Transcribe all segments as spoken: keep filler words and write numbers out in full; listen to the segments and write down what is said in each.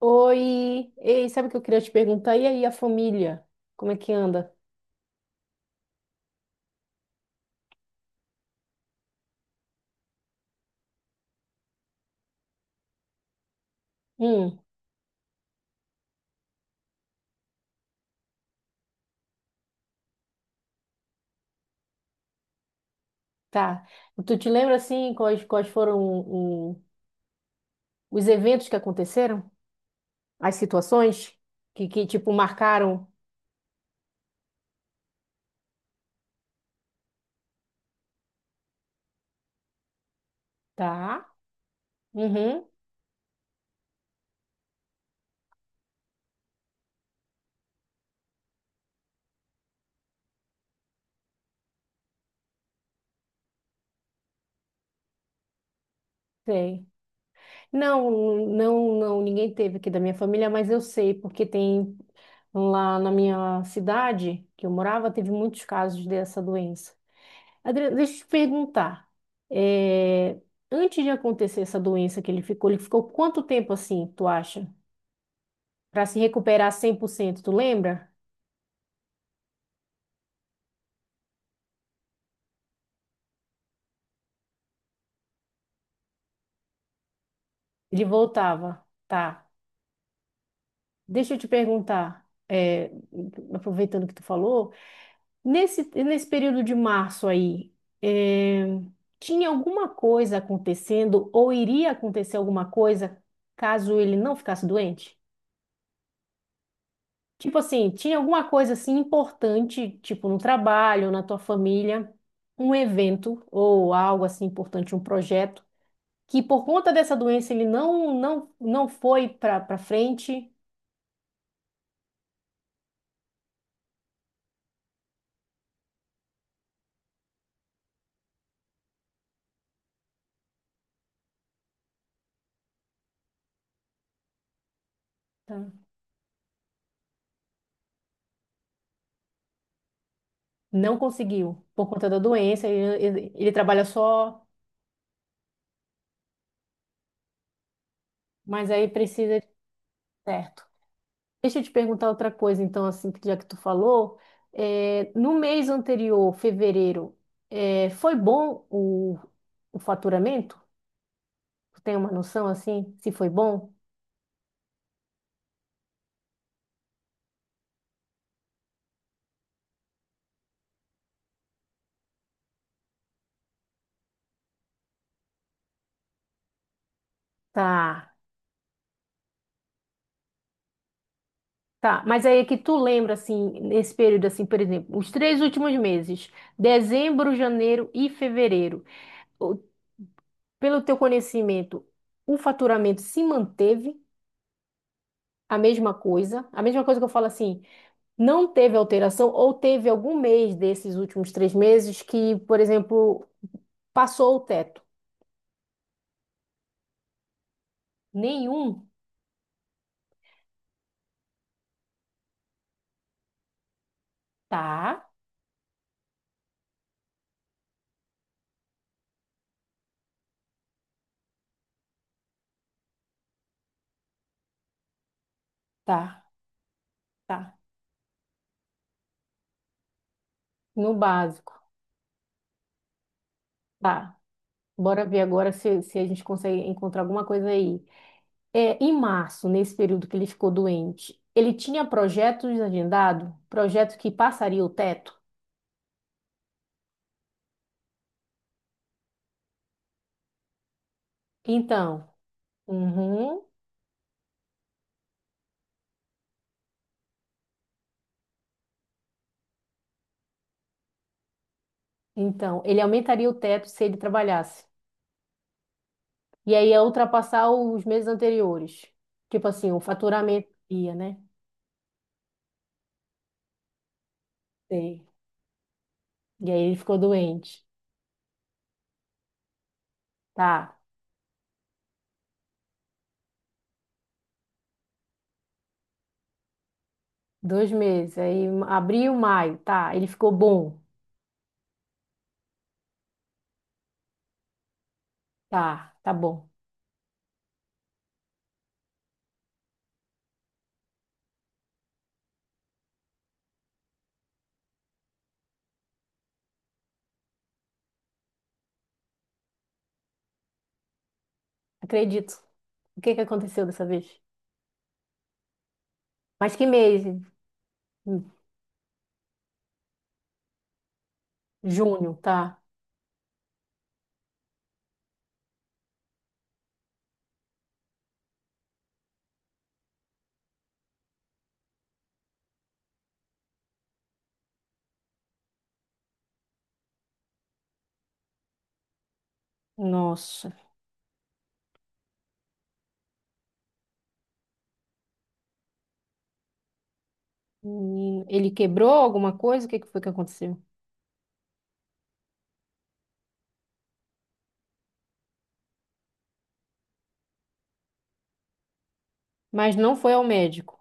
Oi, ei, sabe o que eu queria te perguntar? E aí, a família? Como é que anda? Hum, tá. Tu te lembra, assim, quais, quais foram o- os eventos que aconteceram? As situações que, que tipo, marcaram? Tá? Uhum, sei. Não, não, não, ninguém teve aqui da minha família, mas eu sei, porque tem lá na minha cidade que eu morava, teve muitos casos dessa doença. Adriana, deixa eu te perguntar. é, Antes de acontecer essa doença que ele ficou, ele ficou quanto tempo assim, tu acha? Para se recuperar cem por cento? Tu lembra? Ele voltava, tá. Deixa eu te perguntar, é, aproveitando que tu falou, nesse, nesse período de março aí, é, tinha alguma coisa acontecendo ou iria acontecer alguma coisa caso ele não ficasse doente? Tipo assim, tinha alguma coisa assim importante, tipo no trabalho, na tua família, um evento ou algo assim importante, um projeto, que por conta dessa doença ele não não não foi para para frente, tá? Não conseguiu por conta da doença, ele, ele, ele trabalha só, mas aí precisa, de certo? Deixa eu te perguntar outra coisa, então, assim, que já que tu falou, é, no mês anterior, fevereiro, é, foi bom o, o faturamento? Tu tem uma noção assim, se foi bom? Tá, tá. Mas aí é que tu lembra assim, nesse período assim, por exemplo, os três últimos meses, dezembro, janeiro e fevereiro. O- Pelo teu conhecimento, o faturamento se manteve a mesma coisa? A mesma coisa que eu falo assim, não teve alteração ou teve algum mês desses últimos três meses que, por exemplo, passou o teto? Nenhum? Tá, tá, tá. No básico. Tá. Bora ver agora se, se a gente consegue encontrar alguma coisa aí. É, em março, nesse período que ele ficou doente, ele tinha projetos agendados, projeto que passaria o teto. Então, uhum, então, ele aumentaria o teto se ele trabalhasse. E aí ia ultrapassar os meses anteriores. Tipo assim, o faturamento ia, né? Sei. E aí ele ficou doente. Tá, dois meses. Aí abril, maio. Tá, ele ficou bom. Tá, tá bom. Acredito. O que que aconteceu dessa vez? Mas que mês? Hum, Junho, tá. Nossa. Menino, ele quebrou alguma coisa? O que que foi que aconteceu? Mas não foi ao médico.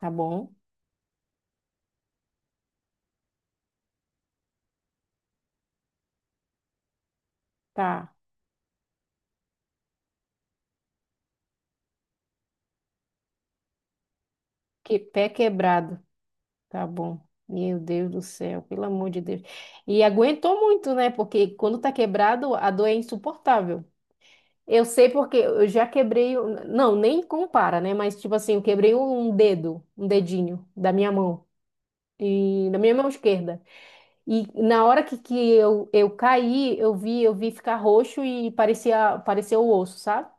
Tá bom. Tá. Que pé quebrado. Tá bom. Meu Deus do céu, pelo amor de Deus. E aguentou muito, né? Porque quando tá quebrado, a dor é insuportável. Eu sei porque eu já quebrei, o- não, nem compara, né? Mas tipo assim, eu quebrei um dedo, um dedinho da minha mão e da minha mão esquerda. E na hora que, que eu, eu caí, eu vi, eu vi ficar roxo e parecia, parecia o osso, sabe?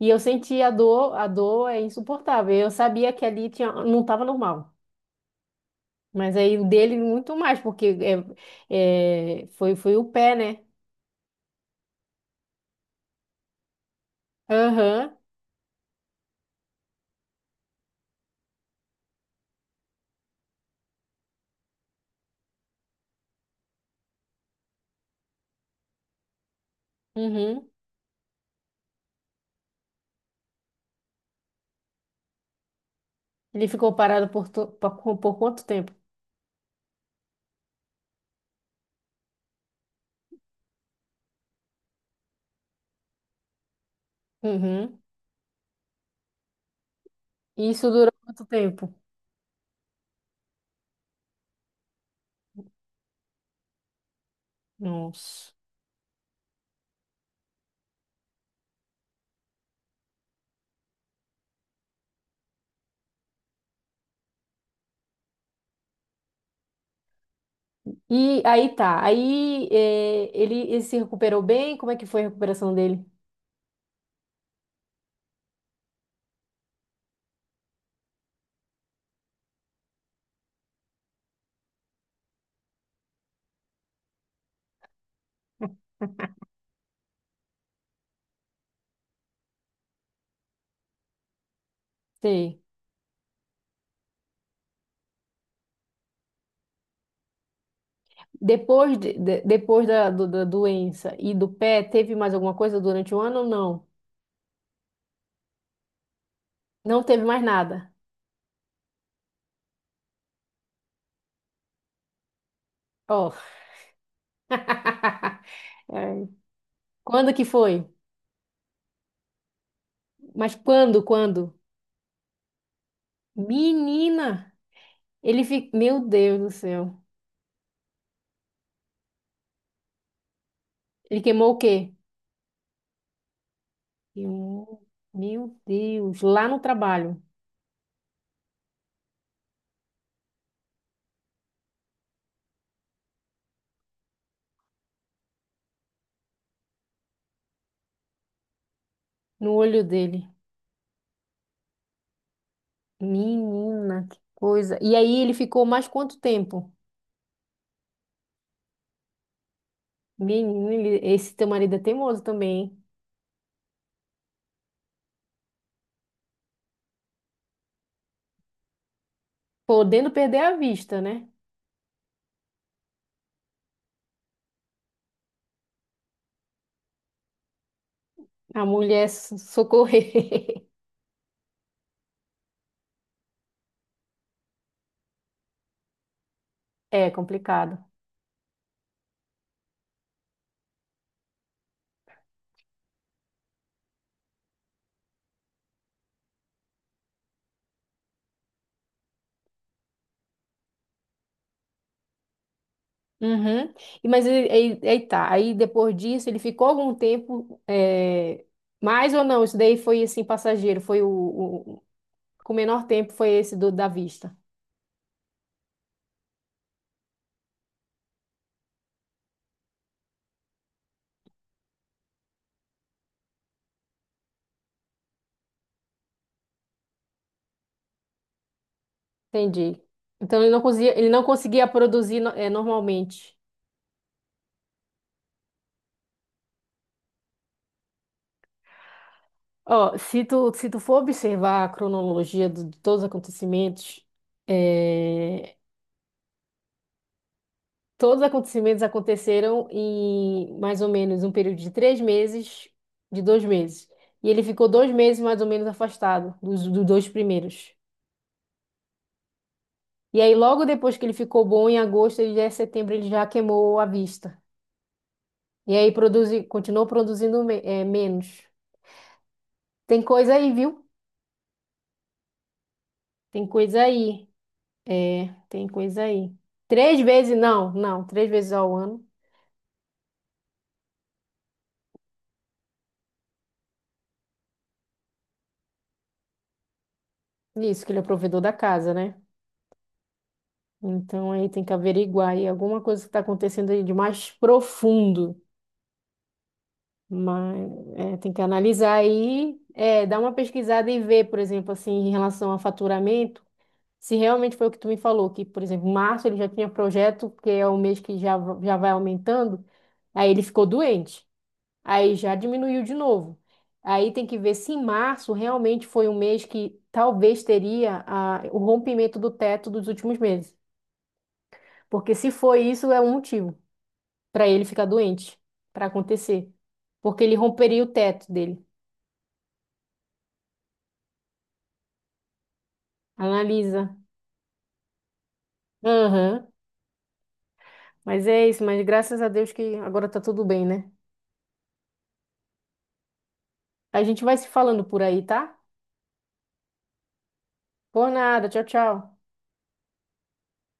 E eu senti a dor, a dor é insuportável. Eu sabia que ali tinha, não estava normal. Mas aí o dele muito mais, porque é, é, foi, foi o pé, né? Aham, uhum. Ele ficou parado por, to- por, por quanto tempo? Uhum. E isso durou quanto tempo? Nossa. E aí tá, aí é, ele, ele se recuperou bem? Como é que foi a recuperação dele? Sei. Depois, de- de- depois da, do- da doença e do pé, teve mais alguma coisa durante o ano ou não? Não teve mais nada. Ó. É. Quando que foi? Mas quando, quando? Menina! Ele fica. Meu Deus do céu. Ele queimou o quê? Queimou. Meu Deus. Lá no trabalho. No olho dele. Menina, que coisa. E aí ele ficou mais quanto tempo? Menino, ele- esse teu marido é teimoso também, hein? Podendo perder a vista, né? A mulher so- socorrer. É complicado. Uhum. E, mas ele- aí, aí tá. Aí depois disso, ele ficou algum tempo. É. Mais ou não? Isso daí foi assim, passageiro. Foi o, o- o- com menor tempo foi esse do da vista. Entendi. Então ele não conseguia, ele não conseguia produzir no- é, normalmente. Ó, se tu, se tu for observar a cronologia do- de todos os acontecimentos, é, todos os acontecimentos aconteceram em mais ou menos um período de três meses, de dois meses. E ele ficou dois meses mais ou menos afastado dos, dos dois primeiros. E aí, logo depois que ele ficou bom, em agosto e em setembro, ele já queimou a vista. E aí, produzi, continuou produzindo me- eh, menos. Tem coisa aí, viu? Tem coisa aí. É, tem coisa aí. Três vezes, não, não, três vezes ao ano. Isso, que ele é provedor da casa, né? Então aí tem que averiguar aí alguma coisa que está acontecendo aí de mais profundo. Mas é, tem que analisar aí, é, dar uma pesquisada e ver, por exemplo, assim, em relação a faturamento, se realmente foi o que tu me falou, que, por exemplo, março ele já tinha projeto, que é o mês que já, va- já vai aumentando, aí ele ficou doente, aí já diminuiu de novo. Aí tem que ver se em março realmente foi um mês que talvez teria a- o rompimento do teto dos últimos meses. Porque se foi isso, é um motivo para ele ficar doente, para acontecer, porque ele romperia o teto dele. Analisa. Aham. Mas é isso, mas graças a Deus que agora tá tudo bem, né? A gente vai se falando por aí, tá? Por nada. Tchau, tchau.